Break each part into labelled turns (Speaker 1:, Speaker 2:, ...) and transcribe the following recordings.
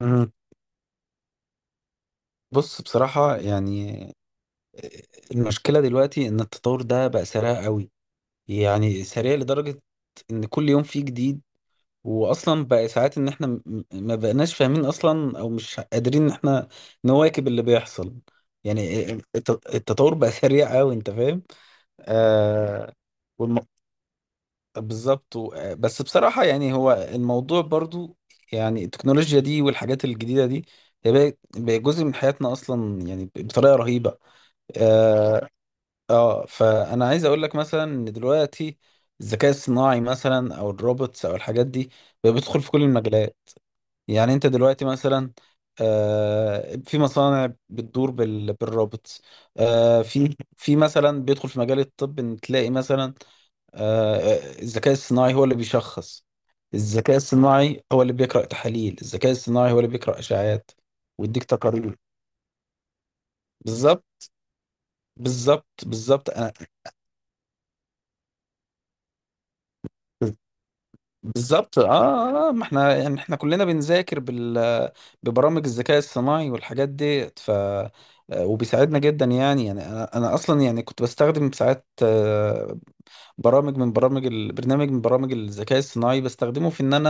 Speaker 1: مم. بص، بصراحة يعني المشكلة دلوقتي إن التطور ده بقى سريع قوي، يعني سريع لدرجة إن كل يوم فيه جديد. وأصلا بقى ساعات إن إحنا ما بقناش فاهمين أصلا أو مش قادرين إن إحنا نواكب اللي بيحصل. يعني التطور بقى سريع قوي، أنت فاهم؟ آه. والم... بالظبط، و... آه، بس بصراحة يعني هو الموضوع برضو، يعني التكنولوجيا دي والحاجات الجديدة دي هي بقى جزء من حياتنا أصلا، يعني بطريقة رهيبة. اه. فانا عايز اقول لك مثلا ان دلوقتي الذكاء الصناعي مثلا، او الروبوتس، او الحاجات دي بقى بيدخل في كل المجالات. يعني انت دلوقتي مثلا، في مصانع بتدور بالروبوتس. في مثلا بيدخل في مجال الطب ان تلاقي مثلا، الذكاء الصناعي هو اللي بيشخص. الذكاء الصناعي هو اللي بيقرأ تحاليل. الذكاء الصناعي هو اللي بيقرأ اشعاعات ويديك تقارير. بالظبط، بالظبط، بالظبط. بالظبط. ما احنا يعني احنا كلنا بنذاكر ببرامج الذكاء الصناعي والحاجات ديت ف آه، وبيساعدنا جدا يعني. يعني انا اصلا يعني كنت بستخدم ساعات، برامج من برامج ال- برنامج من برامج الذكاء الصناعي بستخدمه في ان انا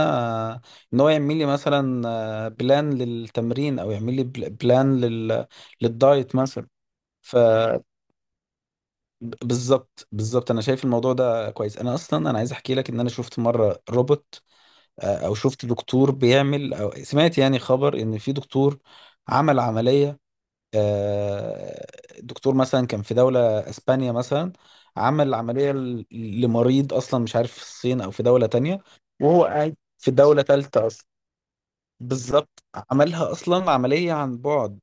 Speaker 1: آه، ان هو يعمل لي مثلا، بلان للتمرين، او يعمل لي بلان للدايت مثلا. ف مم. بالظبط، بالظبط. انا شايف الموضوع ده كويس. انا اصلا انا عايز احكي لك ان انا شفت مره روبوت. او شفت دكتور بيعمل، او سمعت يعني خبر ان في دكتور عمل عملية. آه، دكتور مثلا كان في دولة اسبانيا مثلا، عمل عملية لمريض اصلا مش عارف في الصين او في دولة تانية، وهو قاعد في دولة تالتة اصلا. بالظبط. عملها اصلا عملية عن بعد.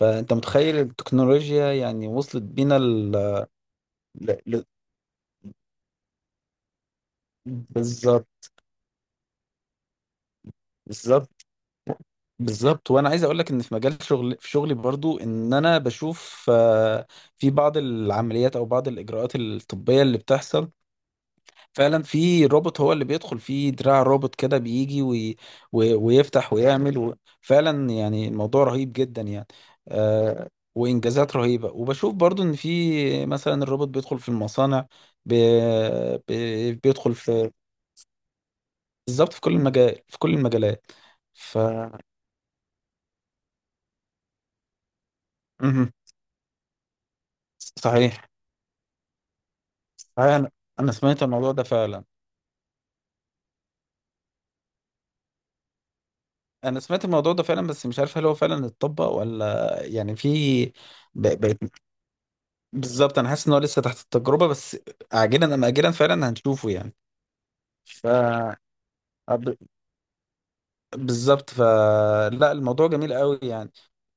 Speaker 1: فانت متخيل التكنولوجيا يعني وصلت بينا ل... ل... بالظبط، بالظبط، بالظبط. وانا عايز اقول لك ان في مجال شغل، في شغلي برضو ان انا بشوف، في بعض العمليات او بعض الاجراءات الطبيه اللي بتحصل. فعلا في روبوت هو اللي بيدخل، في دراع روبوت كده بيجي وي وي ويفتح ويعمل فعلا يعني الموضوع رهيب جدا يعني. آه، وانجازات رهيبه. وبشوف برضو ان في مثلا الروبوت بيدخل في المصانع، ب- بيدخل في، بالظبط في كل المجالات. ف مهم. صحيح. انا انا سمعت الموضوع ده فعلا انا سمعت الموضوع ده فعلا، بس مش عارف هل هو فعلا اتطبق ولا، يعني في ب- بقت بالظبط. انا حاسس ان هو لسه تحت التجربه، بس عاجلا ام اجلا فعلا هنشوفه يعني. ف ب- بالظبط. فلا الموضوع جميل قوي يعني.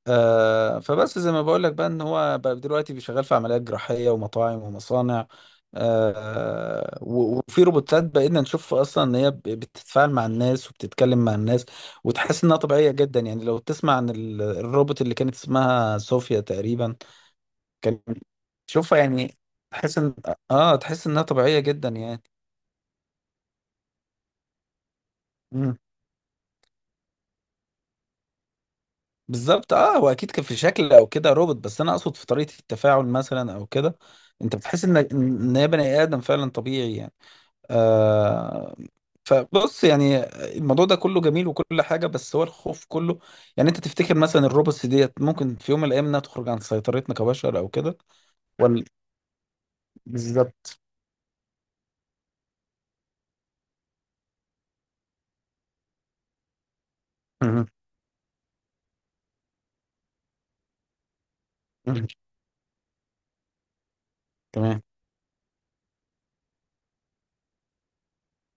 Speaker 1: فبس زي ما بقول لك بقى ان هو بقى دلوقتي بيشغال في عمليات جراحيه ومطاعم ومصانع. وفي روبوتات بقينا نشوف اصلا ان هي بتتفاعل مع الناس وبتتكلم مع الناس، وتحس انها طبيعيه جدا. يعني لو تسمع عن الروبوت اللي كانت اسمها صوفيا تقريبا، كان تشوفها يعني، تحس ان اه تحس انها طبيعيه جدا يعني. مم. بالظبط. اه هو اكيد كان في شكل او كده روبوت، بس انا اقصد في طريقه التفاعل مثلا او كده انت بتحس ان هي بني ادم فعلا طبيعي يعني. آه فبص، يعني الموضوع ده كله جميل وكل حاجة، بس هو الخوف كله يعني، انت تفتكر مثلا الروبوتس ديت ممكن في يوم من الايام انها تخرج عن سيطرتنا كبشر او كده ولا؟ بالظبط. مهم. مهم. تمام.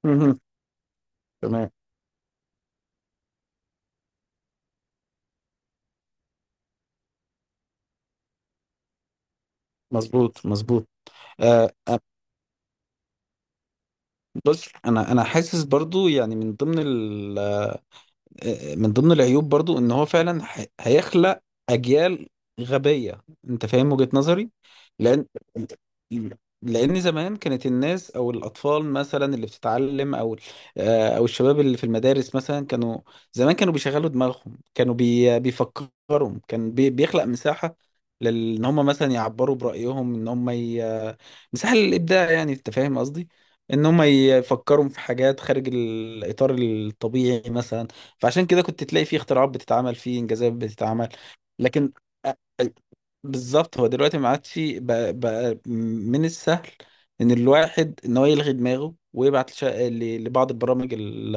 Speaker 1: مهم. تمام. مظبوط، مظبوط. آه بص، انا حاسس برضو يعني من ضمن من ضمن العيوب برضو ان هو فعلا هيخلق اجيال غبية. انت فاهم وجهة نظري؟ لان لان زمان كانت الناس او الاطفال مثلا اللي بتتعلم، او او الشباب اللي في المدارس مثلا، كانوا زمان كانوا بيشغلوا دماغهم، كانوا بيفكروا. كان بيخلق مساحة لان هم مثلا يعبروا برأيهم، ان هم مساحة للابداع يعني، انت فاهم قصدي؟ ان هم يفكروا في حاجات خارج الاطار الطبيعي مثلا. فعشان كده كنت تلاقي فيه اختراعات بتتعمل، فيه انجازات بتتعمل. لكن أ- أ- بالظبط، هو دلوقتي ما عادش بقى من السهل ان الواحد ان هو يلغي دماغه ويبعت لبعض البرامج ال-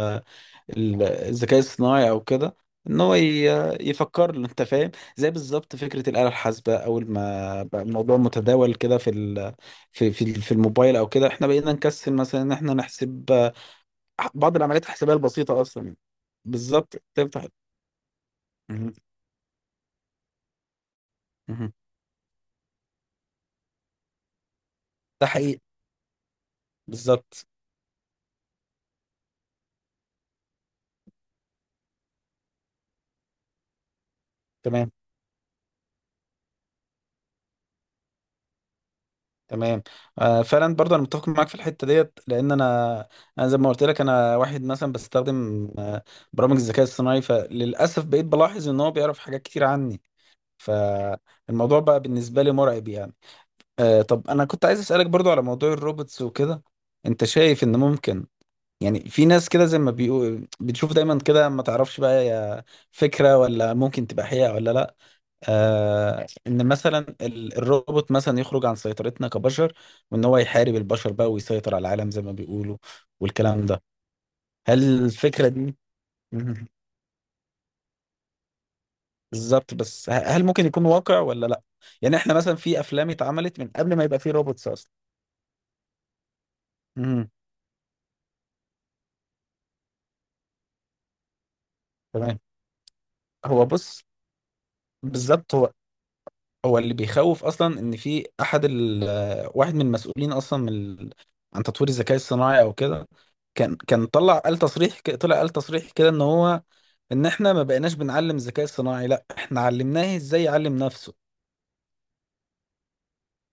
Speaker 1: ال- الذكاء الصناعي او كده، ان هو يفكر له. انت فاهم؟ زي بالظبط فكره الاله الحاسبه، اول ما بقى الموضوع متداول كده في الموبايل او كده، احنا بقينا نكسل مثلا ان احنا نحسب، بعض العمليات الحسابيه البسيطه اصلا. بالظبط. تفتح. مهم. مهم. ده حقيقي. بالظبط. تمام. تمام. فعلا برضه انا متفق معاك في الحته ديت، لان انا زي ما قلت لك، انا واحد مثلا بستخدم، برامج الذكاء الصناعي. فللاسف بقيت بلاحظ ان هو بيعرف حاجات كتير عني. فالموضوع بقى بالنسبه لي مرعب يعني. طب انا كنت عايز اسالك برضه على موضوع الروبوتس وكده. انت شايف ان ممكن، يعني في ناس كده زي ما بيقول بتشوف دايما كده، ما تعرفش بقى هي فكره ولا ممكن تبقى حقيقه ولا لا؟ ان مثلا الروبوت مثلا يخرج عن سيطرتنا كبشر، وان هو يحارب البشر بقى ويسيطر على العالم زي ما بيقولوا والكلام ده. هل الفكرة دي؟ مهم. بالظبط، بس هل ممكن يكون واقع ولا لا؟ يعني احنا مثلا في افلام اتعملت من قبل ما يبقى في روبوتس اصلا. مهم. تمام. هو بص، بالظبط. هو اللي بيخوف اصلا، ان في احد ال آه، واحد من المسؤولين اصلا من عن تطوير الذكاء الصناعي او كده، كان طلع قال تصريح كده ان هو، ان احنا ما بقيناش بنعلم ذكاء صناعي، لا احنا علمناه ازاي يعلم نفسه.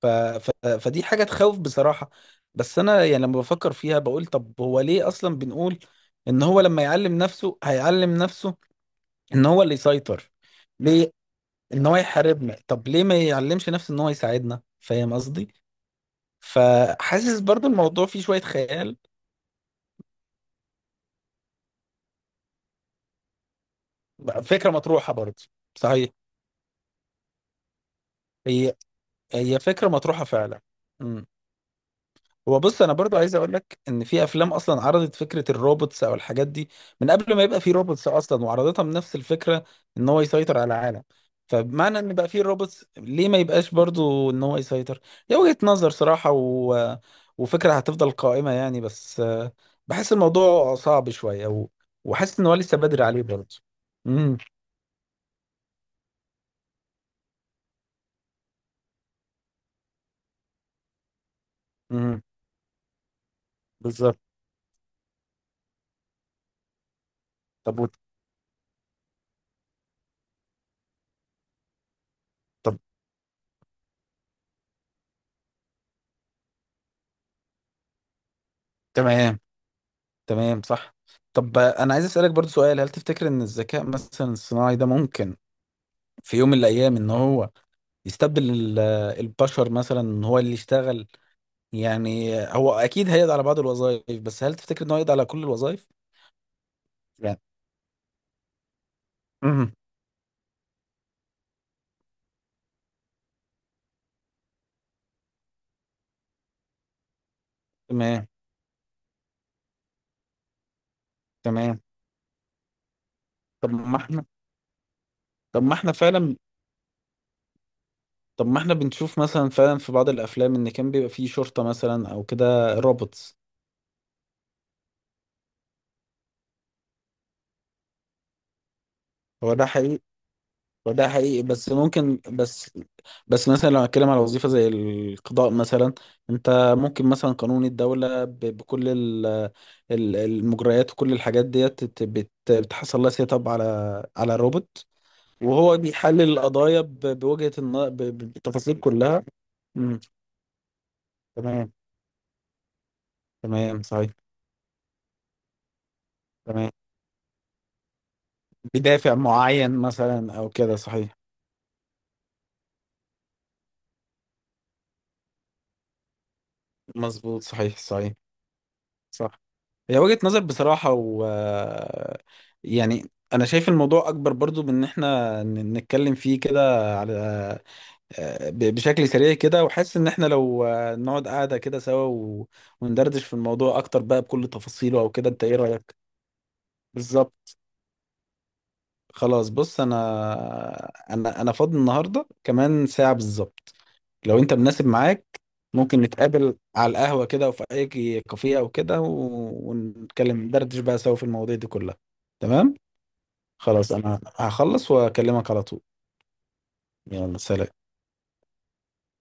Speaker 1: فدي حاجة تخوف بصراحة. بس انا يعني لما بفكر فيها بقول، طب هو ليه اصلا بنقول ان هو لما يعلم نفسه، هيعلم نفسه ان هو اللي يسيطر، ليه؟ ان هو يحاربنا؟ طب ليه ما يعلمش نفسه ان هو يساعدنا؟ فاهم قصدي؟ فحاسس برضو الموضوع فيه شوية خيال. فكرة مطروحة برضو. صحيح. هي هي فكرة مطروحة فعلا. إمم. هو بص، انا برضو عايز اقول لك ان في افلام اصلا عرضت فكره الروبوتس او الحاجات دي من قبل ما يبقى في روبوتس اصلا، وعرضتها بنفس الفكره، ان هو يسيطر على العالم. فبمعنى ان بقى في روبوتس، ليه ما يبقاش برضو ان هو يسيطر؟ هي وجهه نظر صراحه، وفكره هتفضل قائمه يعني، بس بحس الموضوع صعب شويه، وحاسس ان هو لسه بدري عليه برضو. امم. امم. بالظبط. طب و... طب. تمام. تمام. صح. طب انا عايز اسالك برضو سؤال. هل تفتكر ان الذكاء مثلا الصناعي ده ممكن في يوم من الايام ان هو يستبدل البشر مثلا، ان هو اللي يشتغل؟ يعني هو اكيد هيقضي على بعض الوظائف، بس هل تفتكر ان هو يقضي على كل الوظائف؟ يعني. امم. تمام. تمام. طب ما احنا طب ما احنا فعلا طب ما احنا بنشوف مثلا فعلا في بعض الافلام، ان كان بيبقى فيه شرطة مثلا او كده روبوتس. هو ده حقيقي. وده حقيقي، بس ممكن. بس بس مثلا لو هتكلم على وظيفة زي القضاء مثلا، انت ممكن مثلا قانون الدولة بكل المجريات وكل الحاجات ديت بتحصل لها سيت اب على روبوت، وهو بيحلل القضايا بوجهة النظر بالتفاصيل كلها. مم. تمام. تمام. صحيح. تمام. بدافع معين مثلا او كده، صحيح. مظبوط. صحيح، صحيح. صح. هي وجهة نظر بصراحة، يعني أنا شايف الموضوع أكبر برضو من إن إحنا نتكلم فيه كده، على بشكل سريع كده. وحاسس إن إحنا لو نقعد قاعدة كده سوا، وندردش في الموضوع أكتر بقى بكل تفاصيله أو كده. أنت إيه رأيك؟ بالظبط. خلاص بص، أنا فاضي النهاردة كمان ساعة بالظبط، لو انت مناسب معاك ممكن نتقابل على القهوة كده، وفي اي كافيه او كده، ونتكلم ندردش بقى سوا في المواضيع دي كلها. تمام. خلاص، انا هخلص واكلمك على طول. يلا سلام.